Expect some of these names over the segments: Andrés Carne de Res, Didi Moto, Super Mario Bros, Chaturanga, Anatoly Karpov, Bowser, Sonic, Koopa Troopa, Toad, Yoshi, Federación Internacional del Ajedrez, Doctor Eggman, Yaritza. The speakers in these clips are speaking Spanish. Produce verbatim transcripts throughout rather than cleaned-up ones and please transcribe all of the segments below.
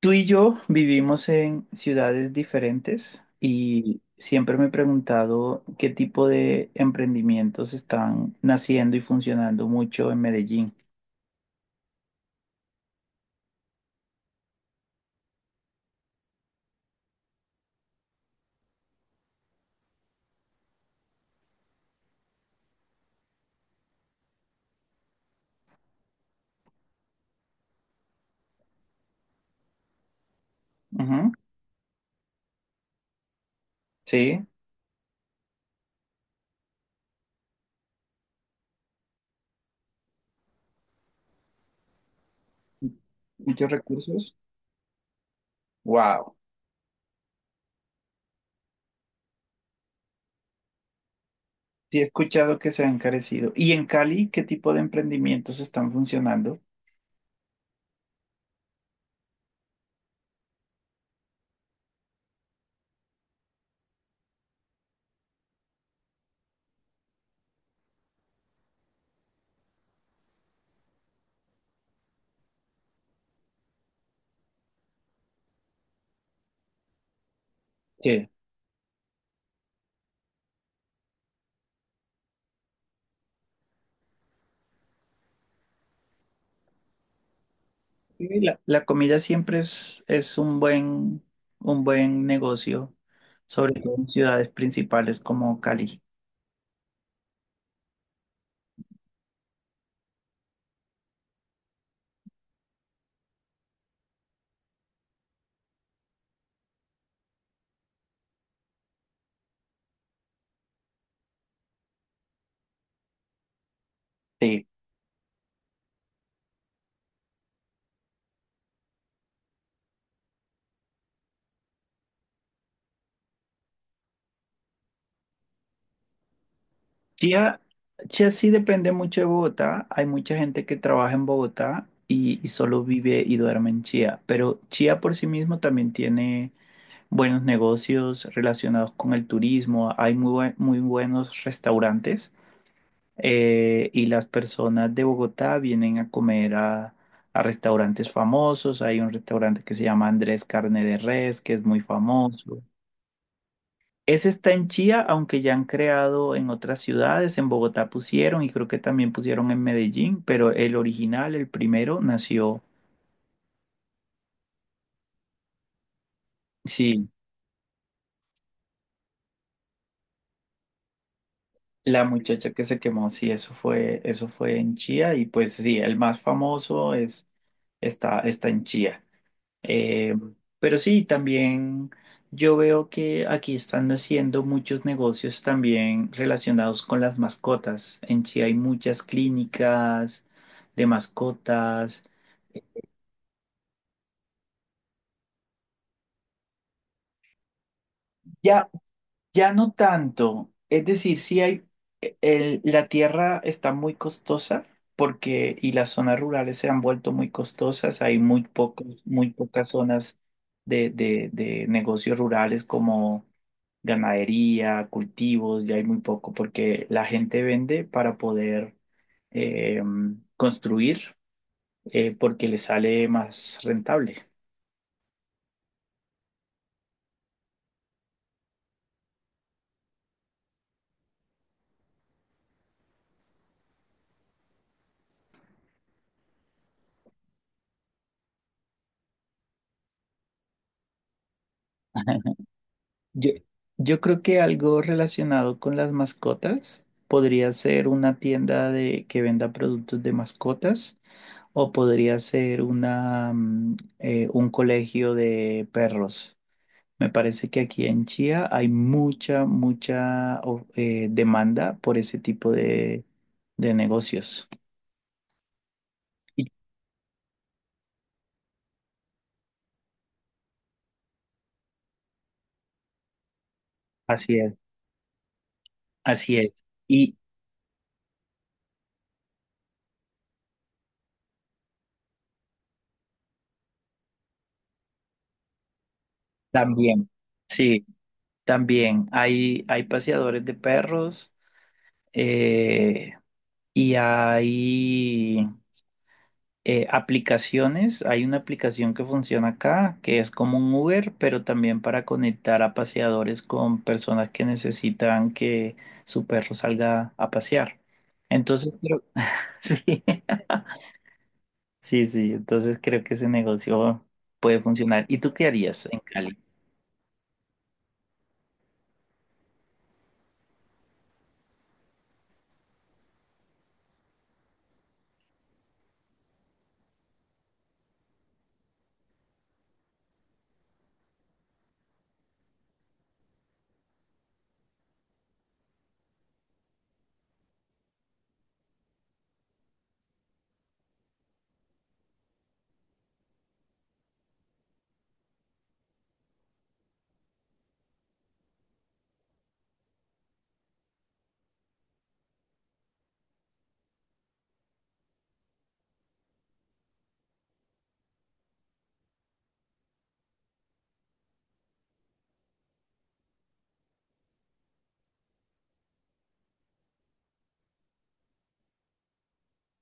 Tú y yo vivimos en ciudades diferentes y siempre me he preguntado qué tipo de emprendimientos están naciendo y funcionando mucho en Medellín. Ujú. Sí, muchos recursos. Wow. Sí, he escuchado que se han encarecido. ¿Y en Cali qué tipo de emprendimientos están funcionando? Sí. Sí, La, la comida siempre es, es un buen, un buen negocio, sobre todo en ciudades principales como Cali. Sí. Chía, Chía sí depende mucho de Bogotá. Hay mucha gente que trabaja en Bogotá y, y solo vive y duerme en Chía. Pero Chía por sí mismo también tiene buenos negocios relacionados con el turismo. Hay muy, buen- muy buenos restaurantes eh, y las personas de Bogotá vienen a comer a, a restaurantes famosos. Hay un restaurante que se llama Andrés Carne de Res, que es muy famoso. Ese está en Chía, aunque ya han creado en otras ciudades, en Bogotá pusieron y creo que también pusieron en Medellín, pero el original, el primero, nació. Sí, la muchacha que se quemó, sí, eso fue, eso fue en Chía y pues sí, el más famoso es, está, está en Chía. Eh, pero sí, también yo veo que aquí están haciendo muchos negocios también relacionados con las mascotas. En Chía hay muchas clínicas de mascotas. Ya. Ya no tanto. Es decir, sí hay, e, el- la tierra está muy costosa porque, y las zonas rurales se han vuelto muy costosas. Hay muy pocos, muy pocas zonas de, de, de negocios rurales como ganadería, cultivos, ya hay muy poco porque la gente vende para poder eh, construir, eh, porque le sale más rentable. Yo, yo creo que algo relacionado con las mascotas podría ser una tienda de que venda productos de mascotas o podría ser una, mm, eh, un colegio de perros. Me parece que aquí en Chía hay mucha, mucha of- eh, demanda por ese tipo de, de negocios. Y- Así es, así es. Y también, sí, también hay, hay paseadores de perros. eh, Y hay eh, aplicaciones, hay una aplicación que funciona acá, que es como un Uber, pero también para conectar a paseadores con personas que necesitan que su perro salga a pasear. Entonces, creo, sí, sí, sí, entonces creo que ese negocio puede funcionar. ¿Y tú qué harías en Cali?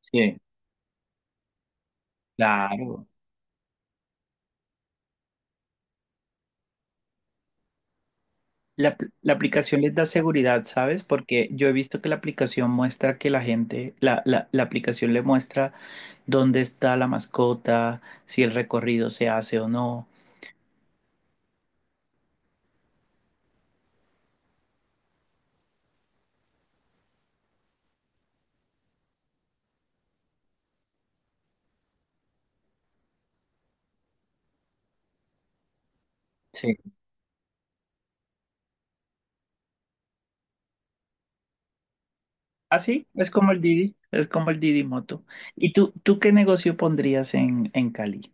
Sí, claro. La, apl- la aplicación les da seguridad, ¿sabes? Porque yo he visto que la aplicación muestra que la gente, la, la la aplicación le muestra dónde está la mascota, si el recorrido se hace o no. Sí. Así es como el Didi, es como el Didi Moto. ¿Y tú, tú qué negocio pondrías en, en Cali?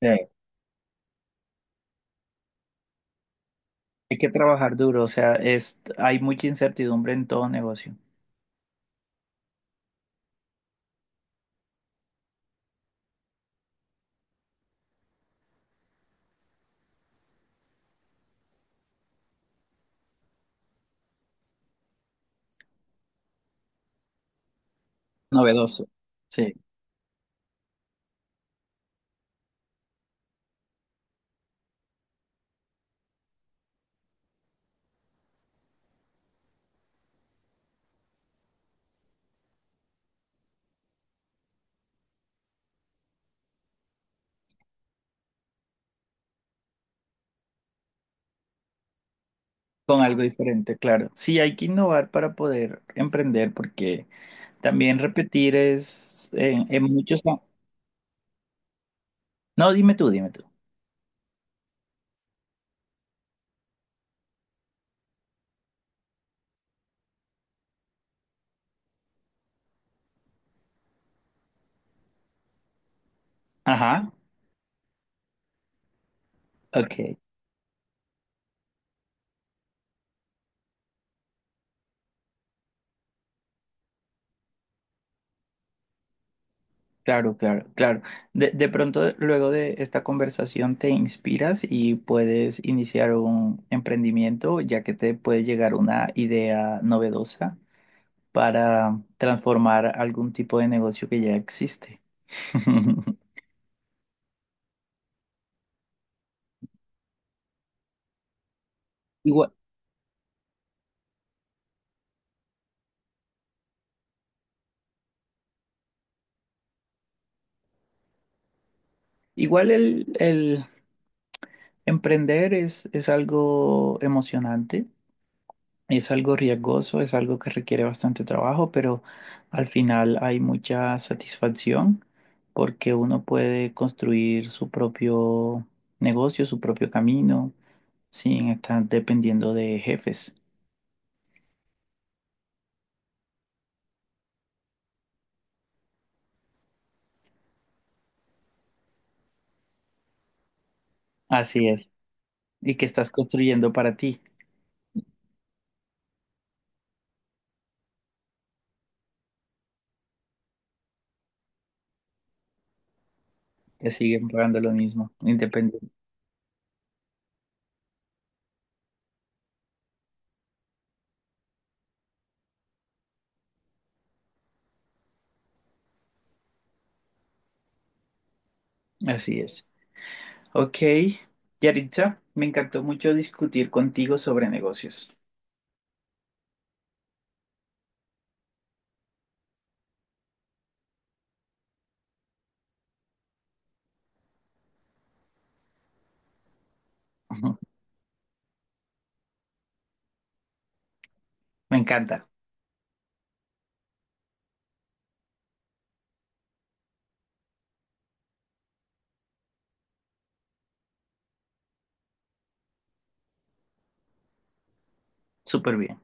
Sí. Hay que trabajar duro, o sea, es, hay mucha incertidumbre en todo negocio. Novedoso. Sí, con algo diferente, claro. Sí, hay que innovar para poder emprender, porque también repetir es en, en muchos... No, dime tú, dime tú. Ajá, ok. Claro, claro, claro. De, de pronto, luego de esta conversación, te inspiras y puedes iniciar un emprendimiento, ya que te puede llegar una idea novedosa para transformar algún tipo de negocio que ya existe. Igual, igual el, el emprender es, es algo emocionante. Es algo riesgoso, es algo que requiere bastante trabajo, pero al final hay mucha satisfacción porque uno puede construir su propio negocio, su propio camino, sin estar dependiendo de jefes. Así es. Y que estás construyendo para ti. Te siguen pagando lo mismo, independiente. Así es. Ok, Yaritza, me encantó mucho discutir contigo sobre negocios. Ujú. Me encanta. Súper bien.